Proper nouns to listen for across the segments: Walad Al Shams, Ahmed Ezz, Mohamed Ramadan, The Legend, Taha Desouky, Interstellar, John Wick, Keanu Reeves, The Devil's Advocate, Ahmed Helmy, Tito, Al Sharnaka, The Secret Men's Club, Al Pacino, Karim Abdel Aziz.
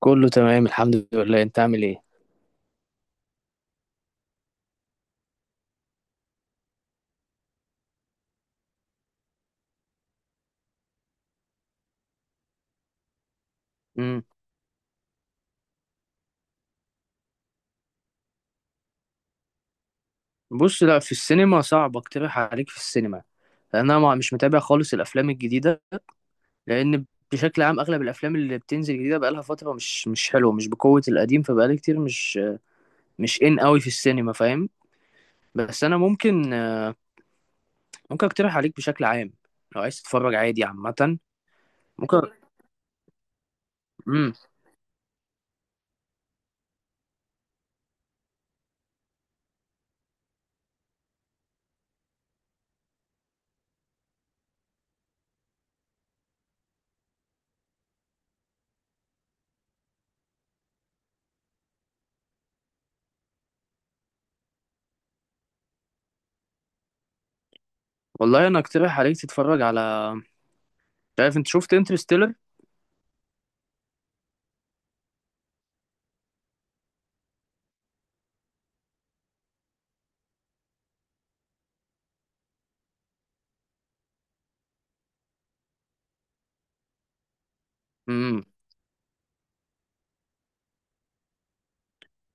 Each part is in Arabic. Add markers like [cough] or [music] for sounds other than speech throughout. كله تمام الحمد لله. انت عامل ايه؟ امم بص، لا، في السينما صعب اقترح عليك. في السينما لان انا مش متابع خالص الافلام الجديده. لان بشكل عام اغلب الافلام اللي بتنزل جديده بقالها فتره مش حلوه، مش بقوه القديم، فبقالي كتير مش ان قوي في السينما، فاهم؟ بس انا ممكن، ممكن اقترح عليك بشكل عام لو عايز تتفرج عادي عامه. ممكن. امم والله انا اقترح عليك تتفرج على، مش عارف، انت شفت انترستيلر؟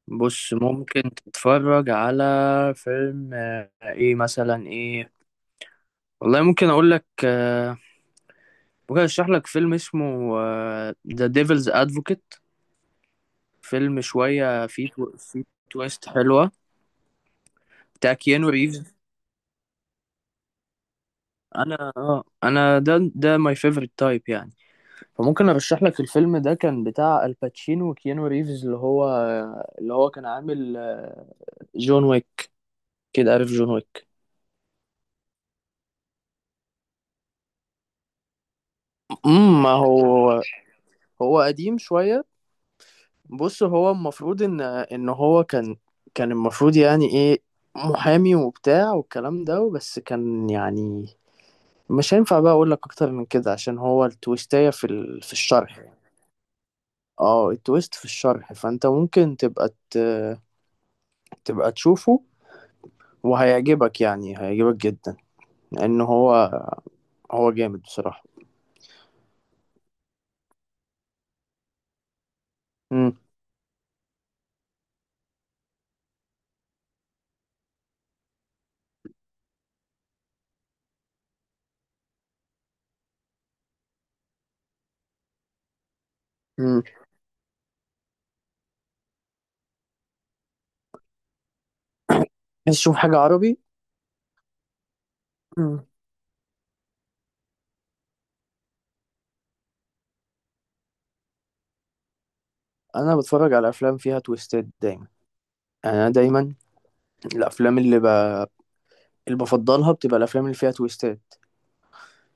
بص، ممكن تتفرج على فيلم، ايه مثلا ايه؟ والله ممكن اقول لك، ممكن اشرح لك فيلم اسمه ذا ديفلز ادفوكيت. فيلم شوية فيه فيه تويست حلوة. بتاع كيانو ريفز. انا اه، انا ده ماي فيفورت تايب يعني. فممكن ارشح لك الفيلم ده. كان بتاع الباتشينو وكيانو ريفز، اللي هو كان عامل، جون ويك، كده عارف جون ويك. ما هو هو قديم شوية. بص، هو المفروض ان هو كان، كان المفروض يعني ايه، محامي وبتاع والكلام ده، بس كان يعني مش هينفع بقى اقول لك اكتر من كده عشان هو التويستاية في ال... في الشرح يعني. اه التويست في الشرح، فانت ممكن تبقى ت... تبقى تشوفه وهيعجبك، يعني هيعجبك جدا لان هو، هو جامد بصراحة. امم امم عايز تشوف حاجة عربي؟ مم. انا بتفرج على افلام فيها تويستات دايما. يعني انا دايما الافلام اللي ب... اللي بفضلها بتبقى الافلام اللي فيها تويستات.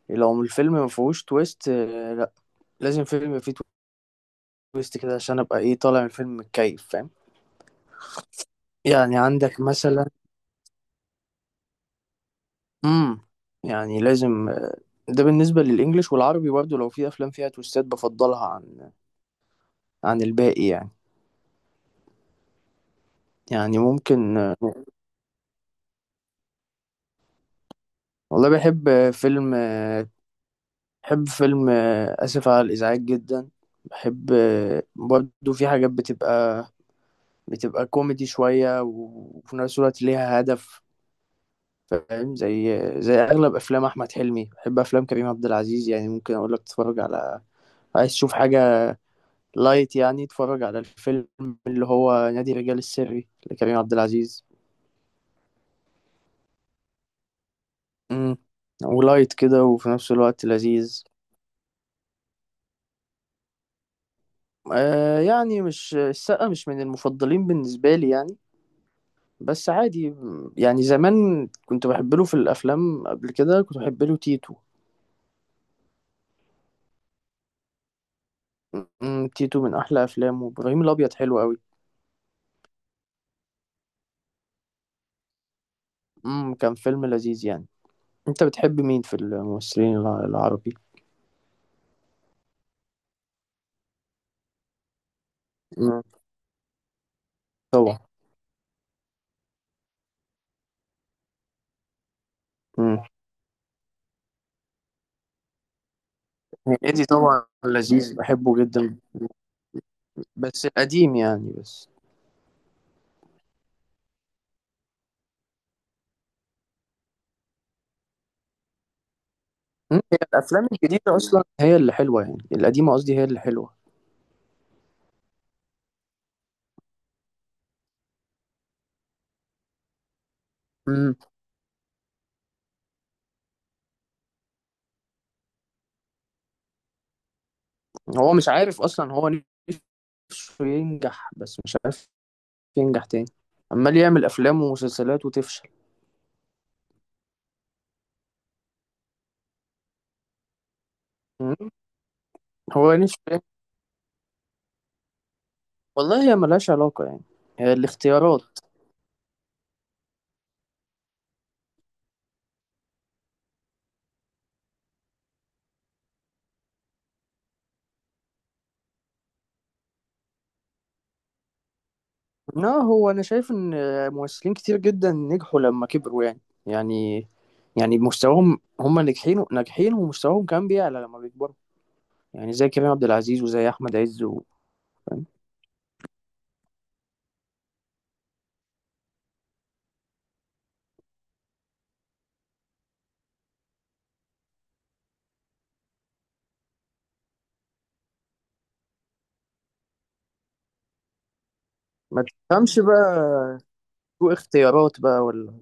لو الفيلم ما فيهوش تويست، لا، لازم فيلم يبقى فيه تويست كده عشان ابقى ايه طالع من الفيلم متكيف، فاهم؟ يعني عندك مثلا، امم يعني لازم، ده بالنسبة للإنجليش والعربي برضه، لو في أفلام فيها تويستات بفضلها عن عن الباقي يعني. يعني ممكن، والله بحب فيلم، بحب فيلم، آسف على الإزعاج جدا. بحب، برضه في حاجات بتبقى، بتبقى كوميدي شوية وفي نفس الوقت ليها هدف. فاهم؟ زي زي اغلب افلام احمد حلمي. بحب افلام كريم عبد العزيز. يعني ممكن اقول لك تتفرج على، عايز تشوف حاجه لايت يعني، اتفرج على الفيلم اللي هو نادي الرجال السري لكريم عبد العزيز. امم ولايت كده وفي نفس الوقت لذيذ. آه، يعني مش السقا، مش من المفضلين بالنسبه لي يعني، بس عادي. يعني زمان كنت بحب له في الافلام. قبل كده كنت بحب له تيتو. أمم، تيتو من احلى افلامه. وابراهيم الابيض حلو قوي. كان فيلم لذيذ يعني. انت بتحب مين في الممثلين العربي؟ مم. طبعا. مم. هنيدي طبعا لذيذ، بحبه جدا. بس القديم يعني، بس. مم، هي الافلام الجديده اصلا هي اللي حلوه، يعني القديمه قصدي هي اللي حلوه. مم. هو مش عارف اصلا هو نفسه ينجح. بس مش عارف ينجح تاني. عمال يعمل افلام ومسلسلات وتفشل. مم. هو نفسه يعني. والله هي ملهاش علاقه يعني، هي الاختيارات. لا، هو انا شايف ان ممثلين كتير جدا نجحوا لما كبروا يعني. يعني يعني مستواهم، هم ناجحين، ناجحين ومستواهم كمان بيعلى لما بيكبروا. يعني زي كريم عبد العزيز وزي احمد عز و... فاهم؟ ما تفهمش بقى، اختيارات بقى ولا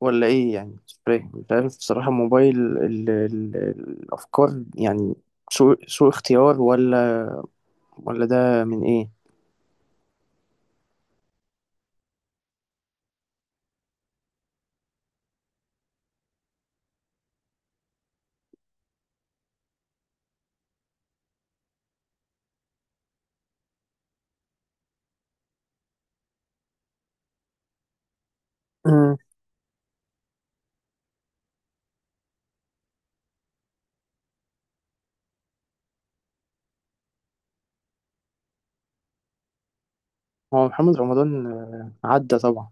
ولا ايه يعني، مش فاهم. انت عارف بصراحة موبايل ال... ال... الافكار يعني، سوء اختيار ولا ولا ده من ايه. مم. هو محمد رمضان عدى طبعا.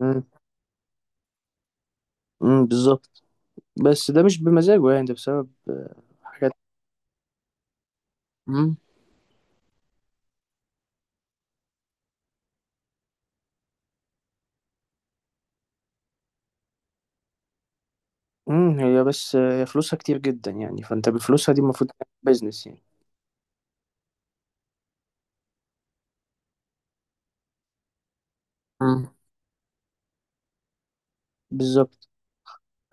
مم. مم، بالظبط. بس ده مش بمزاجه يعني، ده بسبب، حاجات. مم. هي بس، هي فلوسها كتير جدا يعني، فانت بفلوسها دي المفروض تعمل بيزنس يعني. مم. بالظبط.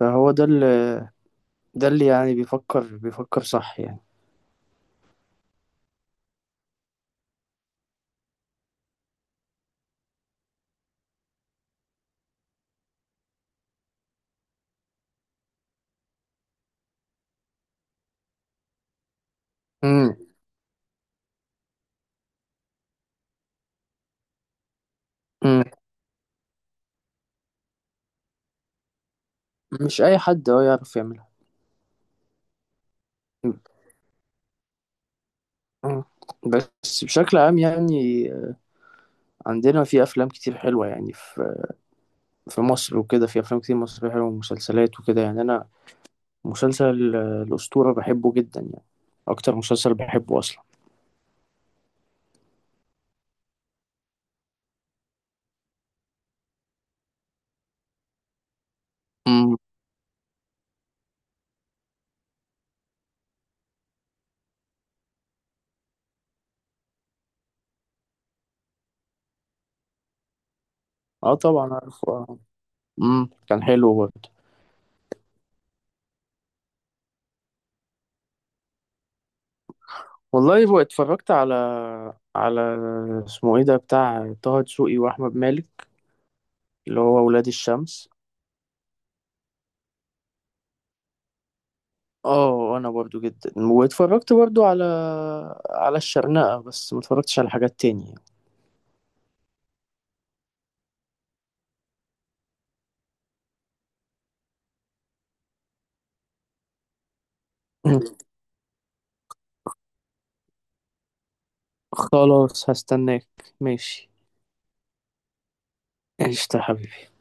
فهو ده اللي، ده اللي يعني بيفكر صح يعني. امم امم مش اي حد اه يعرف يعملها. مم. مم. بس بشكل عام يعني، عندنا في افلام كتير حلوه يعني. في في مصر وكده في افلام كتير مصريه حلوه ومسلسلات وكده يعني. انا مسلسل، الاسطوره بحبه جدا يعني، اكتر مسلسل بحبه اصلا. اه طبعا عارفه، اه. كان حلو برضه. والله بقى اتفرجت على، على، اسمه ايه ده، بتاع طه دسوقي واحمد مالك، اللي هو ولاد الشمس. اه، انا برضو جدا. واتفرجت برضو على، على الشرنقة، بس ما اتفرجتش على حاجات تانية. [clears throat] مم. خلاص هستناك. ماشي. قشطة يا حبيبي.